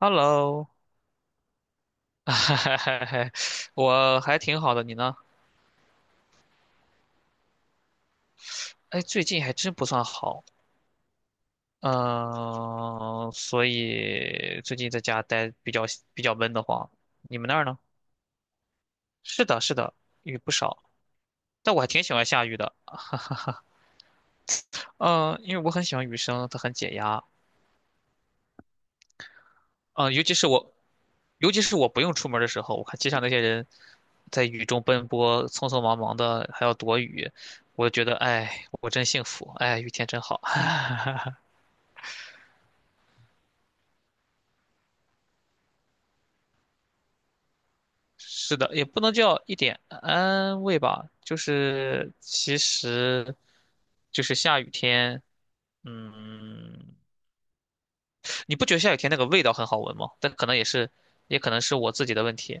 Hello，我还挺好的，你呢？哎，最近还真不算好，嗯、所以最近在家待比较闷得慌。你们那儿呢？是的，是的，雨不少，但我还挺喜欢下雨的，嗯、因为我很喜欢雨声，它很解压，嗯、尤其是我，尤其是我不用出门的时候，我看街上那些人在雨中奔波，匆匆忙忙的还要躲雨，我就觉得，哎，我真幸福，哎，雨天真好。是的，也不能叫一点安慰吧，就是其实就是下雨天，嗯，你不觉得下雨天那个味道很好闻吗？但可能也是，也可能是我自己的问题。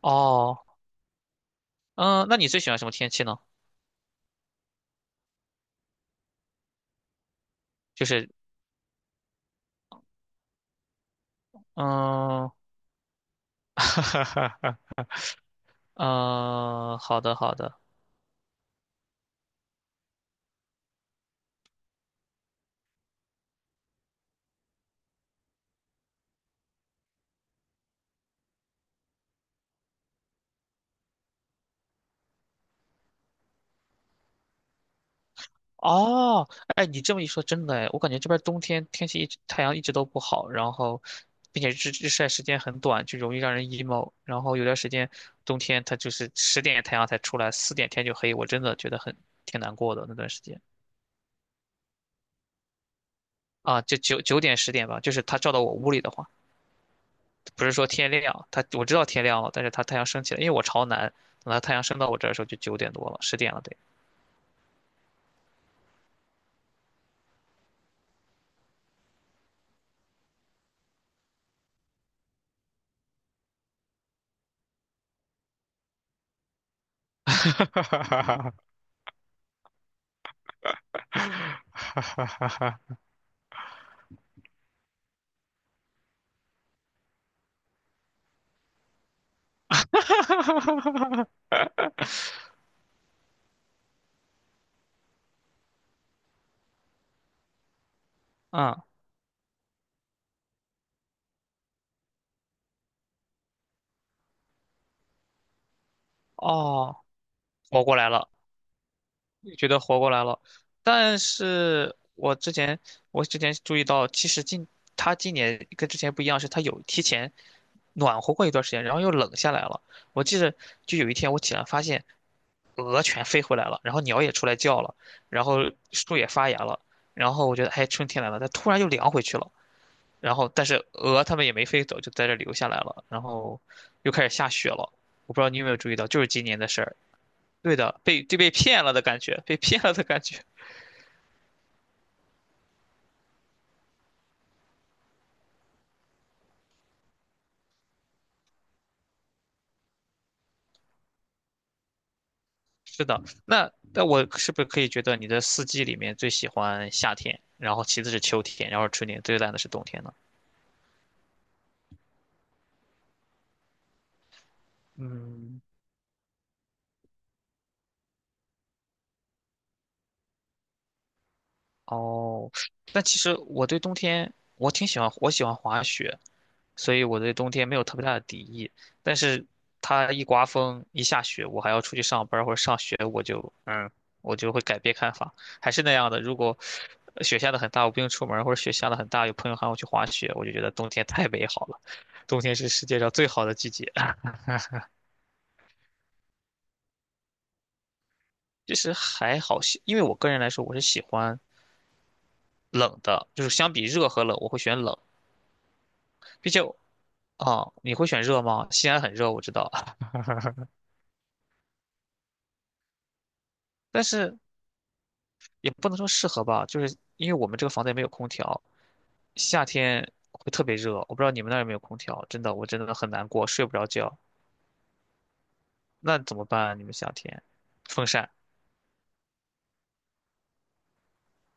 哦，嗯，那你最喜欢什么天气呢？就是，嗯，哈哈，哈，嗯，好的，好的。哦，哎，你这么一说，真的哎，我感觉这边冬天天气一直太阳一直都不好，然后，并且日日晒时间很短，就容易让人 emo。然后有段时间冬天它就是十点太阳才出来，4点天就黑，我真的觉得很挺难过的那段时间啊，就九点十点吧，就是它照到我屋里的话，不是说天亮，它我知道天亮了，但是它太阳升起来，因为我朝南，等它太阳升到我这儿的时候就9点多了，十点了得。哈哈哈哈哈哈，嗯，哦，活过来了，觉得活过来了。但是我之前注意到，其实他今年跟之前不一样，是他有提前暖和过一段时间，然后又冷下来了。我记得就有一天我起来发现鹅全飞回来了，然后鸟也出来叫了，然后树也发芽了，然后我觉得哎春天来了，它突然又凉回去了。然后，但是鹅它们也没飞走，就在这留下来了。然后又开始下雪了，我不知道你有没有注意到，就是今年的事儿。对的，被骗了的感觉，被骗了的感觉。是的，那我是不是可以觉得你的四季里面最喜欢夏天，然后其次是秋天，然后是春天，最烂的是冬天呢？嗯哦，但其实我对冬天我挺喜欢，我喜欢滑雪，所以我对冬天没有特别大的敌意。但是它一刮风一下雪，我还要出去上班儿或者上学，我就我就会改变看法。还是那样的，如果雪下的很大，我不用出门儿或者雪下的很大，有朋友喊我去滑雪，我就觉得冬天太美好了。冬天是世界上最好的季节。其实还好，因为我个人来说，我是喜欢冷的，就是相比热和冷，我会选冷。毕竟啊，你会选热吗？西安很热，我知道，但是也不能说适合吧，就是因为我们这个房子也没有空调，夏天会特别热。我不知道你们那儿有没有空调，真的，我真的很难过，睡不着觉。那怎么办啊你们夏天风扇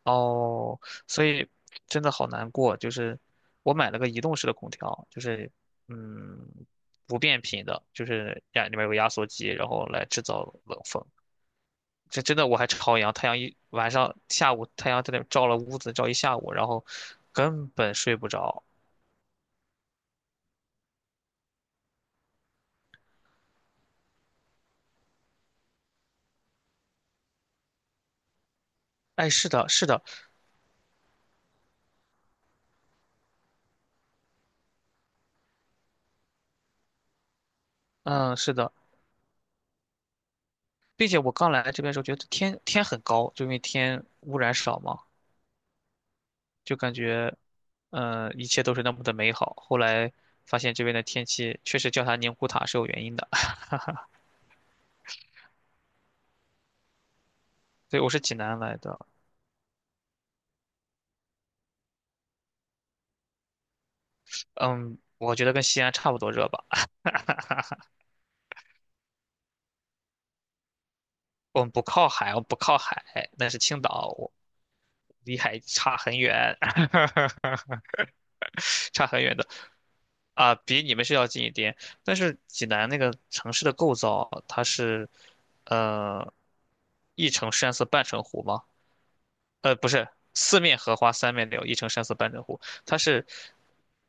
哦，所以真的好难过。就是我买了个移动式的空调，就是嗯不变频的，就是里面有个压缩机，然后来制造冷风。这真的我还朝阳，太阳一晚上下午太阳在那照了屋子照一下午，然后根本睡不着。哎，是的，是的，嗯，是的，并且我刚来这边的时候觉得天天很高，就因为天污染少嘛，就感觉，一切都是那么的美好。后来发现这边的天气确实叫它宁古塔是有原因的。对，我是济南来的，嗯，我觉得跟西安差不多热吧。我们不靠海，我们不靠海，那是青岛，我离海差很远，差很远的。啊，比你们是要近一点，但是济南那个城市的构造，它是，呃，一城山色半城湖吗？不是，四面荷花三面柳，一城山色半城湖。它是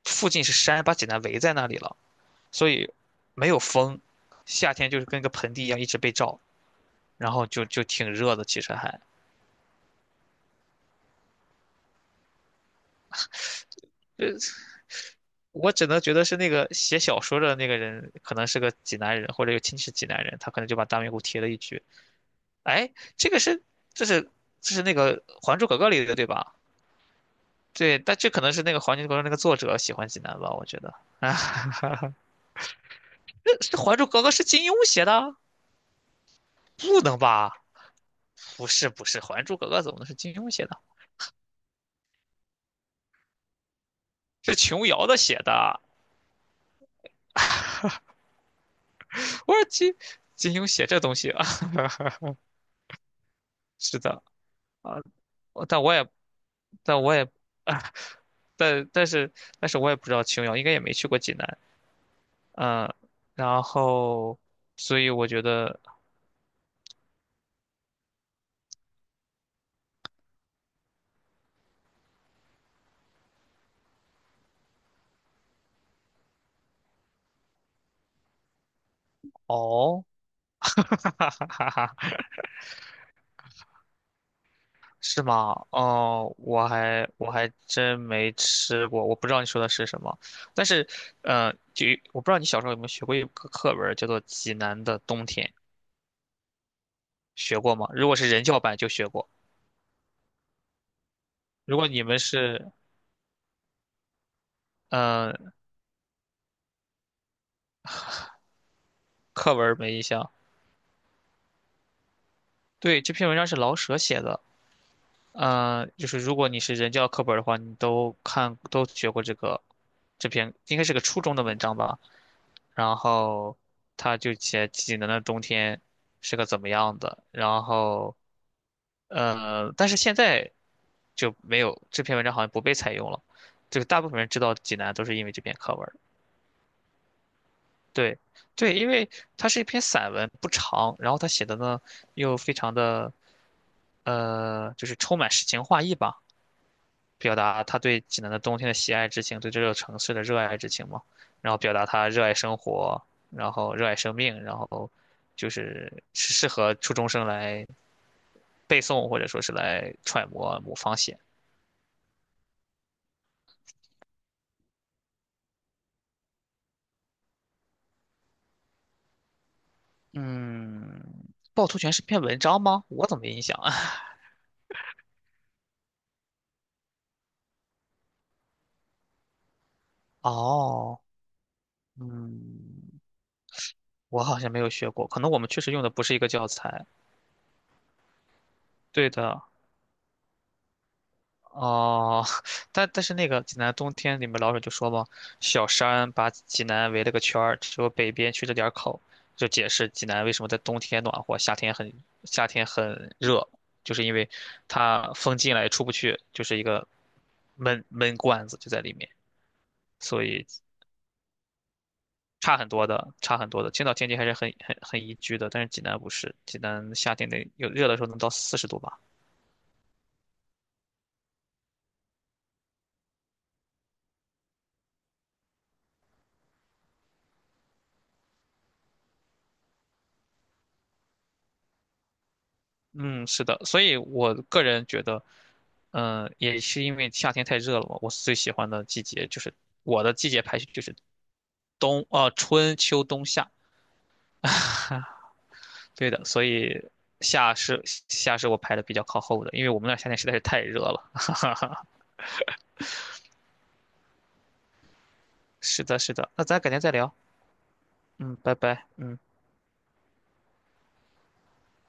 附近是山，把济南围在那里了，所以没有风，夏天就是跟个盆地一样一直被照，然后就挺热的。其实还，呃，我只能觉得是那个写小说的那个人，可能是个济南人，或者有亲戚是济南人，他可能就把大明湖贴了一句。哎，这个是这是这是那个《还珠格格》里的对吧？对，但这可能是那个《还珠格格》那个作者喜欢济南吧，我觉得。啊，这《还珠格格》是金庸写的？不能吧？不是不是，《还珠格格》怎么能是金庸写的？是琼瑶的写的。我说金庸写这东西啊，是的啊，我但我也但我也啊，但但是但是我也不知道琼瑶应该也没去过济南，嗯，然后所以我觉得哦，哈哈哈哈哈。是吗？哦，我还真没吃过，我不知道你说的是什么。但是，就我不知道你小时候有没有学过一个课文儿叫做《济南的冬天》，学过吗？如果是人教版就学过，如果你们是呃课文儿没印象。对，这篇文章是老舍写的，就是如果你是人教课本儿的话，你都学过这个这篇，应该是个初中的文章吧。然后他就写济南的冬天是个怎么样的，然后但是现在就没有这篇文章好像不被采用了，这个大部分人知道济南都是因为这篇课文儿对，对，因为它是一篇散文，不长，然后他写的呢又非常的就是充满诗情画意吧。表达他对济南的冬天的喜爱之情，对这座城市的热爱之情嘛。然后表达他热爱生活，然后热爱生命，然后就是是适合初中生来背诵或者说是来揣摩某方写。嗯，趵突泉是篇文章吗？我怎么没印象啊？哦，嗯，我好像没有学过，可能我们确实用的不是一个教材。对的，哦，但是那个济南冬天你们老舍就说嘛，小山把济南围了个圈儿，只有北边缺了点儿口，就解释济南为什么在冬天暖和，夏天很热，就是因为它风进来出不去，就是一个闷闷罐子就在里面，所以差很多的，差很多的。青岛天气还是很很很宜居的，但是济南不是，济南夏天得有热的时候能到40度吧。嗯，是的，所以我个人觉得，也是因为夏天太热了嘛，我最喜欢的季节就是我的季节排序就是冬，春秋冬夏，对的，所以夏是夏是我排的比较靠后的，因为我们那儿夏天实在是太热了。是的，是的，那咱改天再聊，嗯，拜拜，嗯。